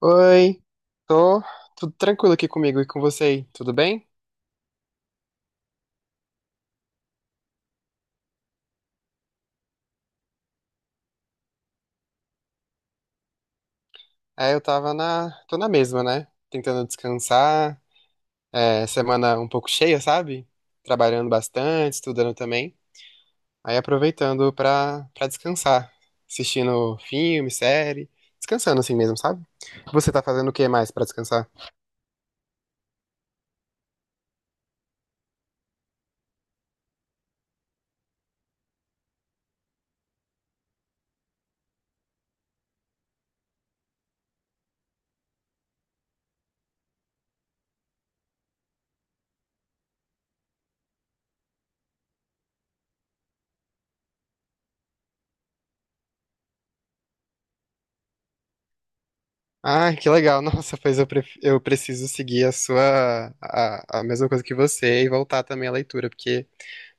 Oi, tô tudo tranquilo aqui comigo e com você aí, tudo bem? É, eu tô na mesma, né? Tentando descansar, semana um pouco cheia, sabe? Trabalhando bastante, estudando também. Aí aproveitando pra descansar, assistindo filme, série, descansando assim mesmo, sabe? Você tá fazendo o que mais pra descansar? Ah, que legal, nossa, pois eu preciso seguir a mesma coisa que você e voltar também à leitura, porque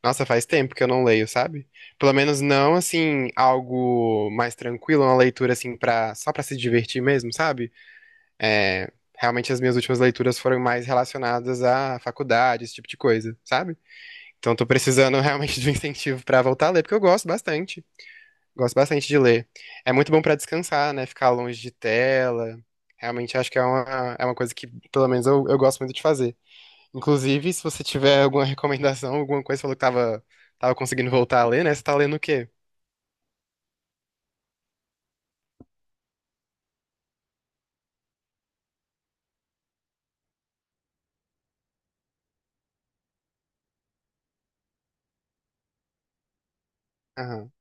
nossa, faz tempo que eu não leio, sabe? Pelo menos não assim, algo mais tranquilo, uma leitura assim para só pra se divertir mesmo, sabe? É, realmente as minhas últimas leituras foram mais relacionadas à faculdade, esse tipo de coisa, sabe? Então tô precisando realmente de um incentivo pra voltar a ler, porque eu gosto bastante. Gosto bastante de ler. É muito bom pra descansar, né? Ficar longe de tela. Realmente acho que é uma coisa que, pelo menos, eu gosto muito de fazer. Inclusive, se você tiver alguma recomendação, alguma coisa, você falou que tava conseguindo voltar a ler, né? Você tá lendo o quê? Aham,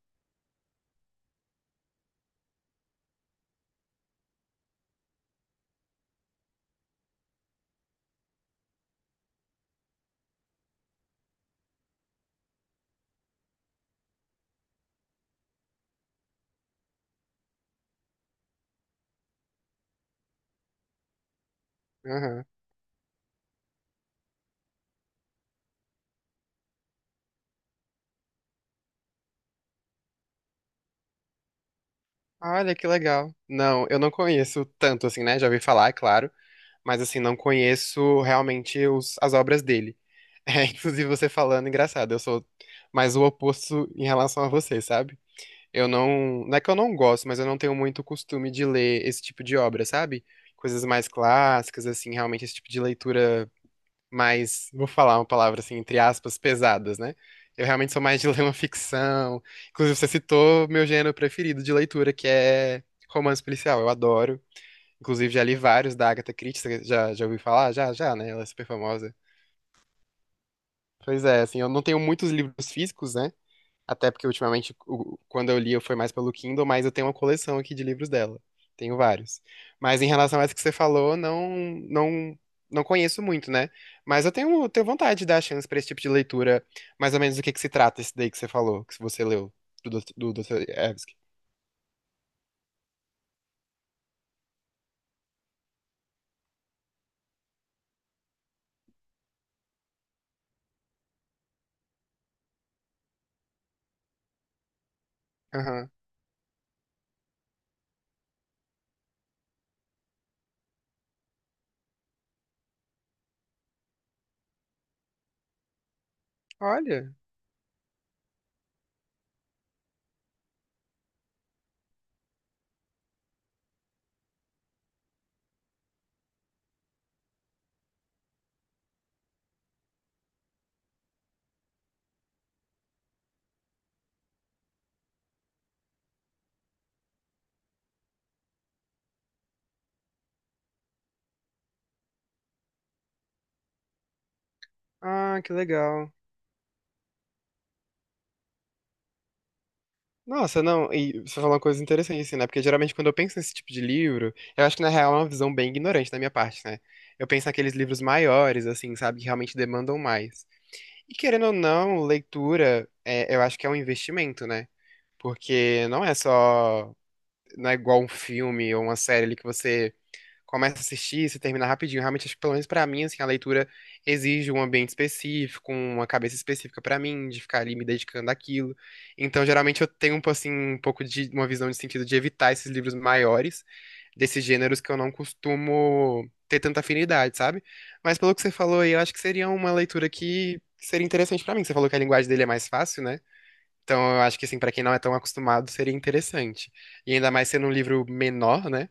aham. Olha que legal. Não, eu não conheço tanto, assim, né? Já ouvi falar, é claro. Mas, assim, não conheço realmente as obras dele. É, inclusive, você falando, engraçado. Eu sou mais o oposto em relação a você, sabe? Eu não. Não é que eu não gosto, mas eu não tenho muito costume de ler esse tipo de obra, sabe? Coisas mais clássicas, assim, realmente esse tipo de leitura mais. Vou falar uma palavra assim, entre aspas, pesadas, né? Eu realmente sou mais de ler uma ficção. Inclusive, você citou meu gênero preferido de leitura, que é romance policial. Eu adoro. Inclusive, já li vários da Agatha Christie. Você já ouviu falar? Já, já, né? Ela é super famosa. Pois é, assim, eu não tenho muitos livros físicos, né? Até porque ultimamente, quando eu li, foi mais pelo Kindle, mas eu tenho uma coleção aqui de livros dela. Tenho vários. Mas em relação a essa que você falou, não, não, não conheço muito, né? Mas eu tenho vontade de dar chance pra esse tipo de leitura, mais ou menos do que se trata esse daí que você falou, que você leu, do Dostoiévski. Aham. Olha. Ah, que legal. Nossa, não, e você falou uma coisa interessante, assim, né? Porque geralmente quando eu penso nesse tipo de livro, eu acho que na real é uma visão bem ignorante da minha parte, né? Eu penso naqueles livros maiores, assim, sabe, que realmente demandam mais. E querendo ou não, leitura, eu acho que é um investimento, né? Porque não é só, não é igual um filme ou uma série ali que você começa a assistir, se termina rapidinho. Realmente, acho que pelo menos pra mim, assim, a leitura exige um ambiente específico, uma cabeça específica pra mim, de ficar ali me dedicando àquilo. Então, geralmente eu tenho assim um pouco de uma visão de sentido de evitar esses livros maiores desses gêneros que eu não costumo ter tanta afinidade, sabe? Mas pelo que você falou aí, eu acho que seria uma leitura que seria interessante pra mim. Você falou que a linguagem dele é mais fácil, né? Então, eu acho que assim, para quem não é tão acostumado, seria interessante. E ainda mais sendo um livro menor, né?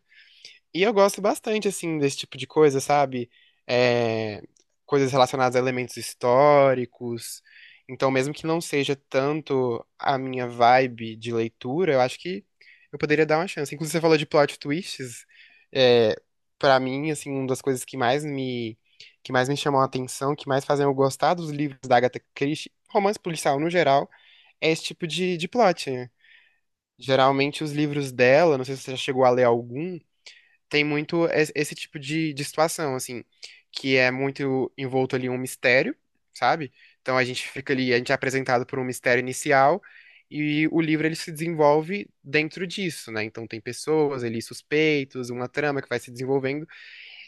E eu gosto bastante, assim, desse tipo de coisa, sabe? É, coisas relacionadas a elementos históricos. Então, mesmo que não seja tanto a minha vibe de leitura, eu acho que eu poderia dar uma chance. Inclusive, você falou de plot twists. É, para mim, assim, uma das coisas que mais me, chamam a atenção, que mais fazem eu gostar dos livros da Agatha Christie, romance policial no geral, é esse tipo de plot, né? Geralmente, os livros dela, não sei se você já chegou a ler algum, tem muito esse tipo de situação, assim, que é muito envolto ali em um mistério, sabe? Então a gente fica ali, a gente é apresentado por um mistério inicial e o livro ele se desenvolve dentro disso, né? Então tem pessoas ali, suspeitos, uma trama que vai se desenvolvendo,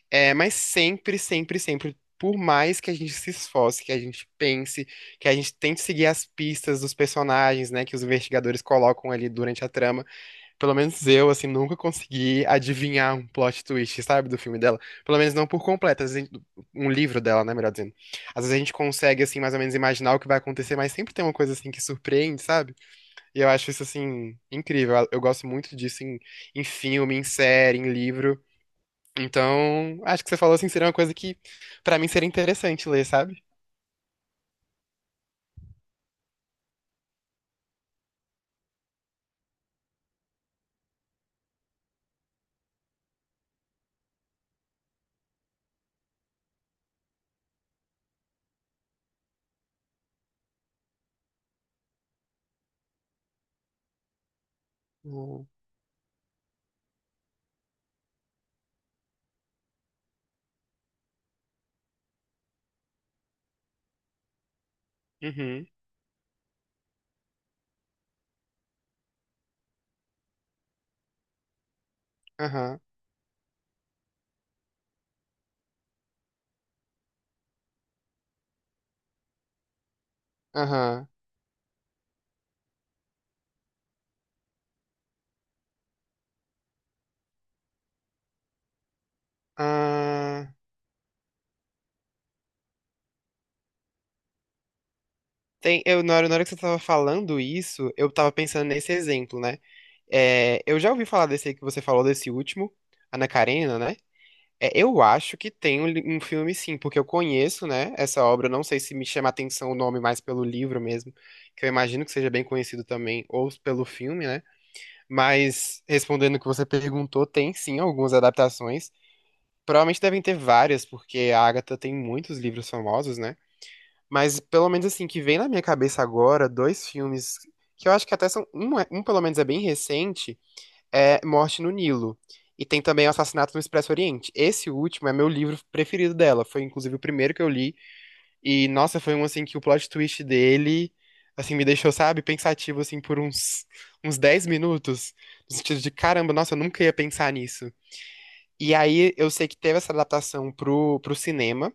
mas sempre, sempre, sempre. Por mais que a gente se esforce, que a gente pense, que a gente tente seguir as pistas dos personagens, né, que os investigadores colocam ali durante a trama, pelo menos eu, assim, nunca consegui adivinhar um plot twist, sabe, do filme dela. Pelo menos não por completo, às vezes, um livro dela, né, melhor dizendo. Às vezes a gente consegue, assim, mais ou menos imaginar o que vai acontecer, mas sempre tem uma coisa, assim, que surpreende, sabe? E eu acho isso, assim, incrível. Eu gosto muito disso em, filme, em série, em livro. Então, acho que você falou, assim, seria uma coisa que, pra mim, seria interessante ler, sabe? Uhum, aham, aham. Ah. Tem, na hora que você tava falando isso, eu tava pensando nesse exemplo, né? É, eu já ouvi falar desse aí que você falou, desse último, Ana Karenina, né? É, eu acho que tem um filme sim, porque eu conheço, né, essa obra, eu não sei se me chama a atenção o nome mais pelo livro mesmo, que eu imagino que seja bem conhecido também, ou pelo filme, né? Mas, respondendo o que você perguntou, tem sim algumas adaptações. Provavelmente devem ter várias, porque a Agatha tem muitos livros famosos, né? Mas pelo menos assim, que vem na minha cabeça agora, dois filmes que eu acho que até são. Um pelo menos é bem recente, é Morte no Nilo. E tem também o Assassinato no Expresso Oriente. Esse último é meu livro preferido dela. Foi inclusive o primeiro que eu li. E, nossa, foi um assim que o plot twist dele, assim, me deixou, sabe, pensativo assim por uns 10 minutos. No sentido de, caramba, nossa, eu nunca ia pensar nisso. E aí eu sei que teve essa adaptação pro cinema.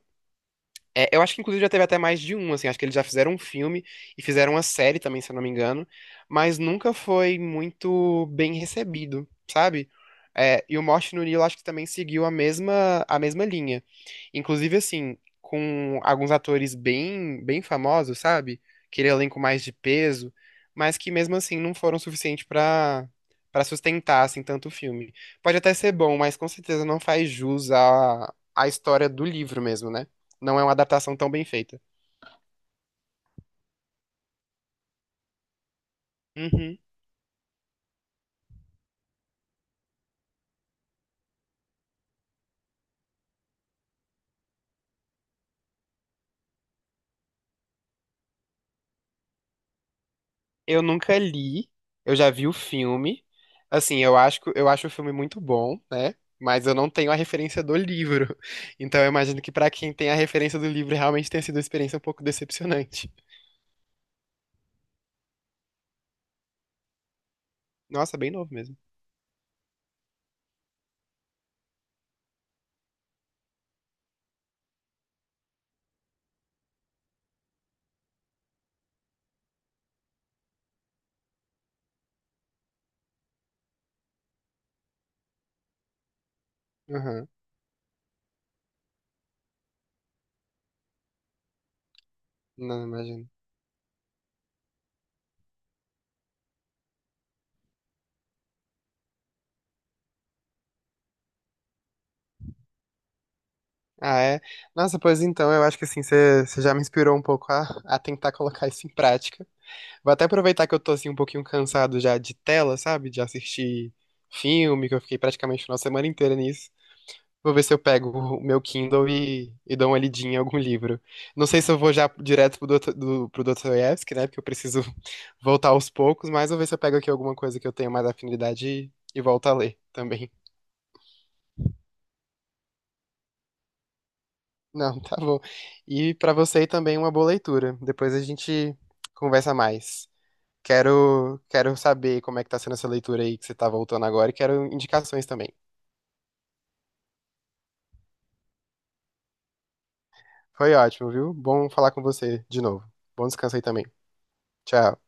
É, eu acho que inclusive já teve até mais de um, assim, acho que eles já fizeram um filme e fizeram uma série também, se eu não me engano, mas nunca foi muito bem recebido, sabe? É, e o Morte no Nilo acho que também seguiu a mesma linha. Inclusive, assim, com alguns atores bem, bem famosos, sabe? Aquele elenco mais de peso, mas que mesmo assim não foram suficientes pra para sustentar, assim, tanto o filme. Pode até ser bom, mas com certeza não faz jus à história do livro mesmo, né? Não é uma adaptação tão bem feita. Uhum. Eu nunca li, eu já vi o filme. Assim, eu acho, eu acho o filme muito bom, né? Mas eu não tenho a referência do livro. Então eu imagino que pra quem tem a referência do livro realmente tenha sido uma experiência um pouco decepcionante. Nossa, bem novo mesmo. Aham. Não, imagino. Ah, é? Nossa, pois então, eu acho que assim, você já me inspirou um pouco a tentar colocar isso em prática. Vou até aproveitar que eu tô assim um pouquinho cansado já de tela, sabe? De assistir filme, que eu fiquei praticamente uma semana inteira nisso. Vou ver se eu pego o meu Kindle e dou uma lidinha em algum livro. Não sei se eu vou já direto pro Dostoiévski, né? Porque eu preciso voltar aos poucos, mas vou ver se eu pego aqui alguma coisa que eu tenho mais afinidade e volto a ler também. Não, tá bom. E pra você também uma boa leitura. Depois a gente conversa mais. Quero saber como é que tá sendo essa leitura aí que você tá voltando agora e quero indicações também. Foi ótimo, viu? Bom falar com você de novo. Bom descanso aí também. Tchau.